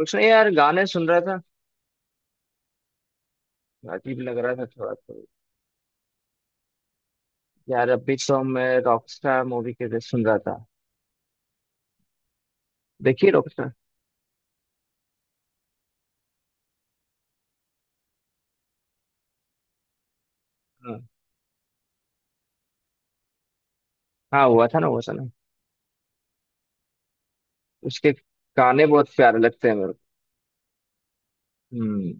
कुछ नहीं यार, गाने सुन रहा था। अजीब लग रहा था थोड़ा तो। यार, अभी तो मैं रॉकस्टार मूवी के लिए सुन रहा था। देखिए, रॉकस्टार। हाँ, हाँ, हुआ था ना, हुआ था ना। उसके गाने बहुत प्यारे लगते हैं मेरे को। हम्म।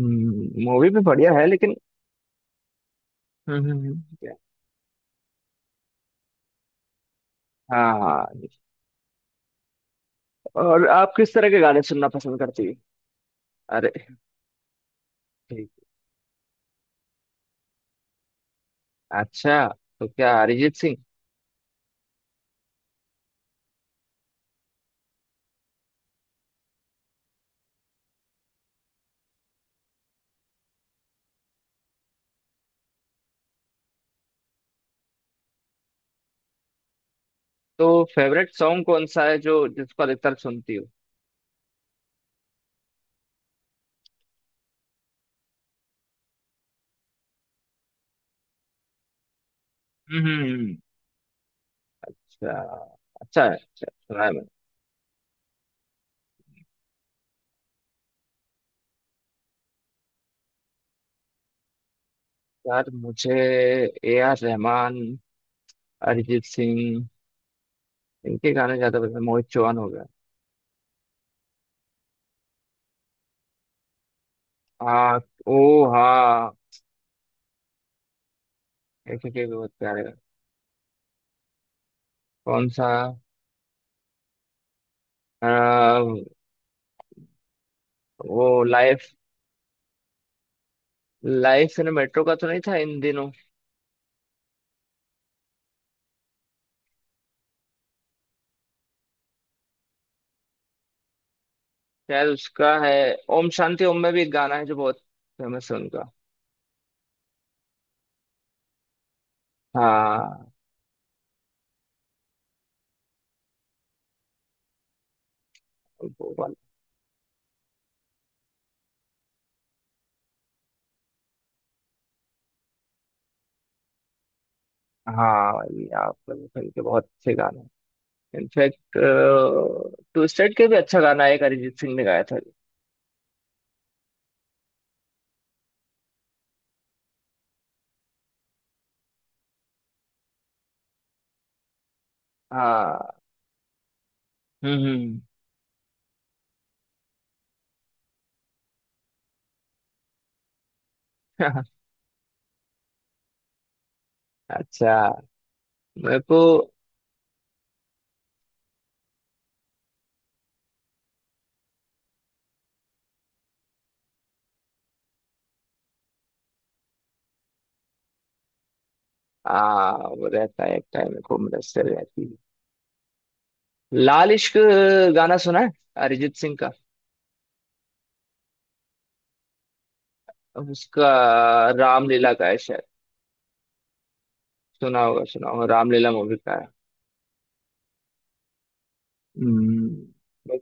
मूवी भी बढ़िया है लेकिन। हम्म, हम्म। हाँ, हाँ। और आप किस तरह के गाने सुनना पसंद करती है? अरे। ठीक। अच्छा। तो क्या अरिजीत सिंह? तो फेवरेट सॉन्ग कौन सा है, जो जिसको अधिकतर सुनती हो? हम्म, अच्छा, अच्छा। अच्छा, सुना है। यार, मुझे ए आर रहमान, अरिजीत सिंह, इनके गाने ज्यादा पसंद हैं। मोहित चौहान हो गया। हाँ, ओ हाँ। एक एक भी बहुत प्यारे हैं। कौन सा? आ, वो लाइफ, लाइफ इन मेट्रो का तो नहीं था इन दिनों? शायद उसका है। ओम शांति ओम में भी एक गाना है जो बहुत फेमस है उनका। हाँ, वो वाला। हाँ भाई, आपका के बहुत अच्छे गाने हैं। इनफैक्ट, ट्विस्टेड के भी अच्छा गाना है, एक अरिजीत सिंह ने गाया था। हाँ। हम्म, हम्म। अच्छा। मेरे को वो रहता है एक टाइम को, मुदस्सिर रहती है। लाल इश्क गाना सुना है? अरिजीत सिंह का। उसका। रामलीला का है शायद। सुना होगा, सुना होगा, रामलीला मूवी का है। हम्म। बस।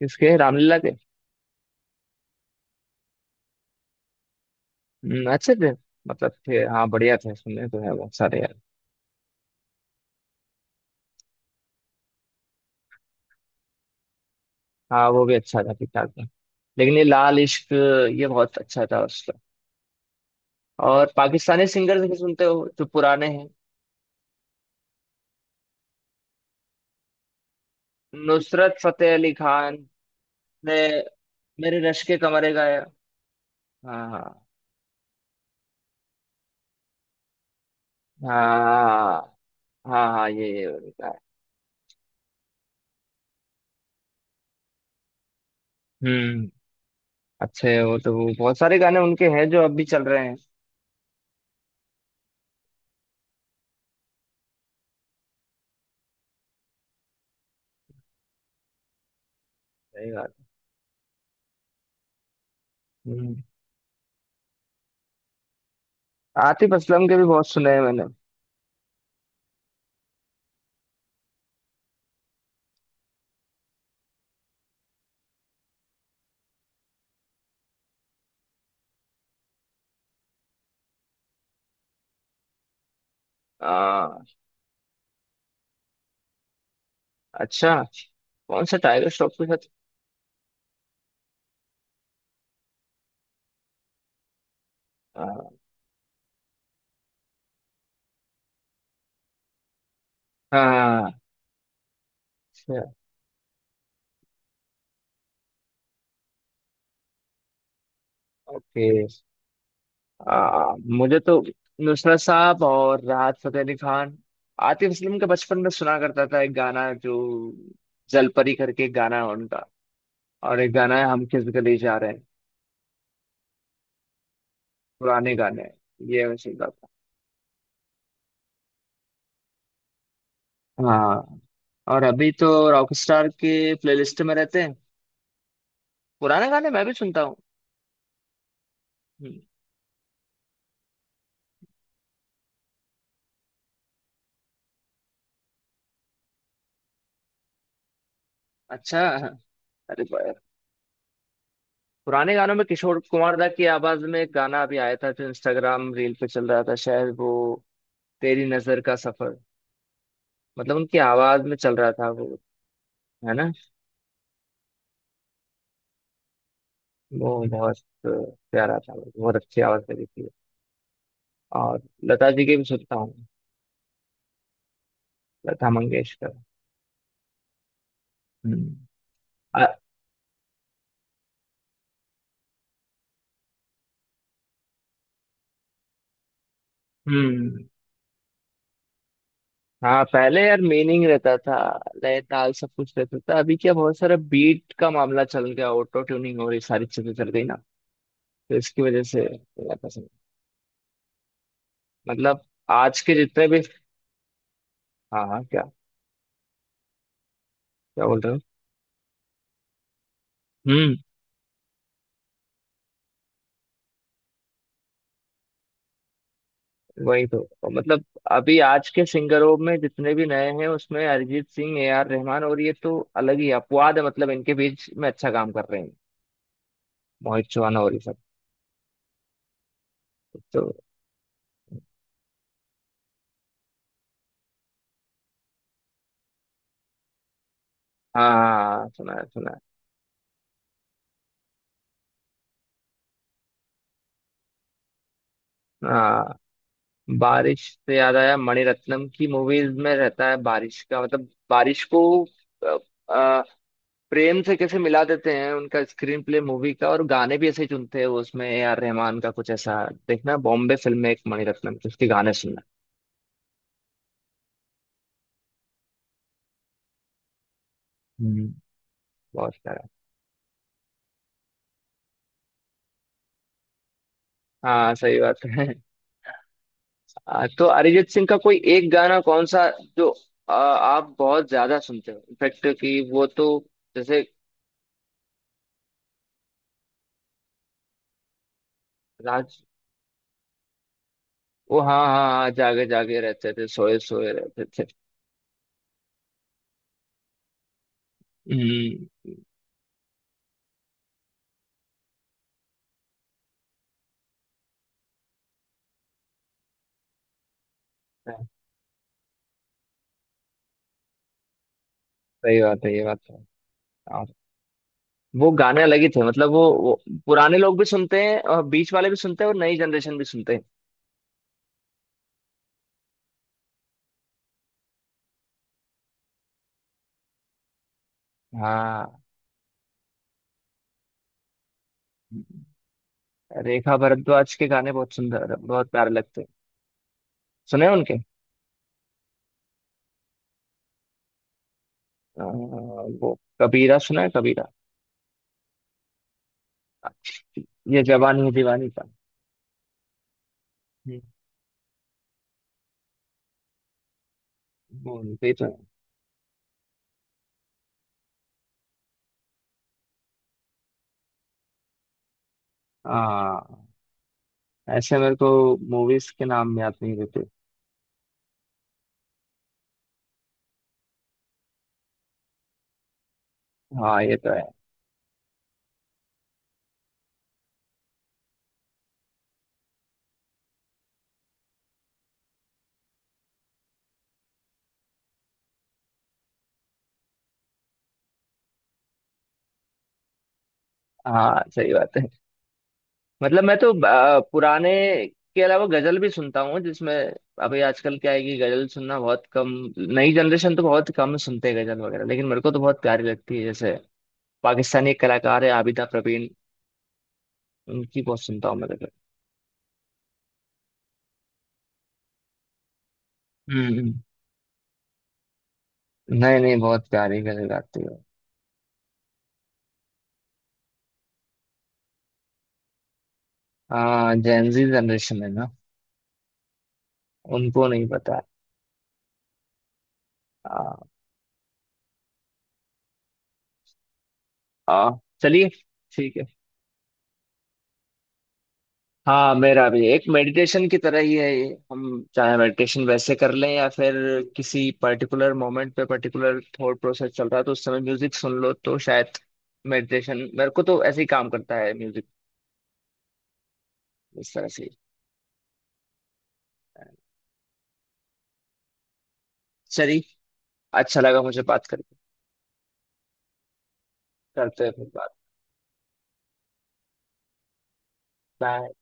किसके? रामलीला के? हम्म। अच्छे थे। मतलब थे, हाँ, बढ़िया थे, सुनने तो है बहुत सारे यार। हाँ, वो भी अच्छा था, ठीक ठाक था। लेकिन ये लाल इश्क, ये बहुत अच्छा था उसका। और पाकिस्तानी सिंगर्स भी सुनते हो जो पुराने हैं? नुसरत फतेह अली खान। मैं, मेरे रश के कमरे का है। हाँ हाँ हाँ, हाँ, हाँ। ये उनका है। हम्म। अच्छे हो तो वो बहुत सारे गाने उनके हैं जो अब भी चल रहे हैं। सही बात। हम्म। आतिफ असलम के भी बहुत सुने हैं मैंने। आ, अच्छा। कौन सा टाइगर श्रॉफ के साथ? आ, हाँ। अच्छा। ओके। मुझे तो नुसरत साहब और राहत फतेह अली खान, आतिफ असलम के बचपन में सुना करता था, एक गाना जो, जलपरी करके एक गाना है उनका। और एक गाना है, हम किस गली जा रहे हैं। पुराने गाने हैं। ये मैं सुनता था। हाँ। और अभी तो रॉकस्टार के प्लेलिस्ट में रहते हैं। पुराने गाने मैं भी सुनता हूँ। हम्म। अच्छा। अरे, पुराने गानों में किशोर कुमार दा की आवाज में एक गाना अभी आया था, जो इंस्टाग्राम रील पे चल रहा था शायद। वो तेरी नजर का सफर, मतलब उनकी आवाज में चल रहा था वो। है ना? वो बहुत प्यारा था, बहुत अच्छी आवाज लगी थी। और लता जी के भी सुनता हूँ। लता मंगेशकर। हम्म। अ- हम्म। हाँ, पहले यार मीनिंग रहता था, लय, ताल, सब कुछ रहता था। अभी क्या, बहुत सारा बीट का मामला चल गया, ऑटो ट्यूनिंग और ये सारी चीजें चल गई ना। तो इसकी वजह से मेरा पसंद, मतलब आज के जितने भी। हाँ, हाँ, क्या? क्या बोल रहे हो? हम्म। वही तो मतलब, अभी आज के सिंगरों में जितने भी नए हैं, उसमें अरिजीत सिंह, ए आर रहमान और ये तो अलग ही अपवाद है, मतलब इनके बीच में अच्छा काम कर रहे हैं। मोहित चौहान और ये सब। तो हाँ, हाँ, हाँ, सुना है, सुना है। हाँ, बारिश से याद आया, मणिरत्नम की मूवीज में रहता है बारिश का, मतलब बारिश को अ, अ, प्रेम से कैसे मिला देते हैं। उनका स्क्रीन प्ले मूवी का और गाने भी ऐसे ही चुनते हैं वो। उसमें ए आर रहमान का कुछ ऐसा, देखना बॉम्बे फिल्म में एक मणिरत्नम की, उसके गाने सुनना। हम्म। बहुत सारा। हाँ, सही बात है। तो अरिजीत सिंह का कोई एक गाना कौन सा जो आप बहुत ज्यादा सुनते हो, इनफेक्ट कि वो तो, जैसे राज, वो हाँ, हाँ, हाँ, जागे जागे रहते थे, सोए सोए रहते थे। हम्म। सही बात है, ये बात तो है। और वो गाने अलग ही थे, मतलब वो पुराने लोग भी सुनते हैं और बीच वाले भी सुनते हैं और नई जनरेशन भी सुनते हैं। हाँ। रेखा भारद्वाज के गाने बहुत सुंदर, बहुत प्यारे लगते हैं। सुने हैं उनके। अ, वो कबीरा सुना है? कबीरा, ये जवानी है दीवानी का। हम्म। वो उनके ही तो है। हाँ, ऐसे मेरे को मूवीज के नाम याद नहीं रहते। हाँ, ये तो है। हाँ, सही बात है। मतलब मैं तो पुराने के अलावा गजल भी सुनता हूँ, जिसमें अभी आजकल क्या है कि गजल सुनना बहुत कम। नई जनरेशन तो बहुत कम सुनते हैं गजल वगैरह, लेकिन मेरे को तो बहुत प्यारी लगती है। जैसे पाकिस्तानी एक कलाकार है आबिदा प्रवीण, उनकी बहुत सुनता हूँ मैं गजल। हम्म, नहीं, नहीं, बहुत प्यारी गजल गाती है। हाँ, जेनजी जनरेशन है ना, उनको नहीं पता। आ, आ, चलिए, ठीक है। हाँ, मेरा भी एक मेडिटेशन की तरह ही है ये। हम चाहे मेडिटेशन वैसे कर लें, या फिर किसी पर्टिकुलर मोमेंट पे पर्टिकुलर थॉट प्रोसेस चल रहा है तो उस समय म्यूजिक सुन लो, तो शायद मेडिटेशन मेरे को तो ऐसे ही काम करता है म्यूजिक, इस तरह से। चलिए। अच्छा लगा मुझे बात करके। करते हैं फिर बात। बाय।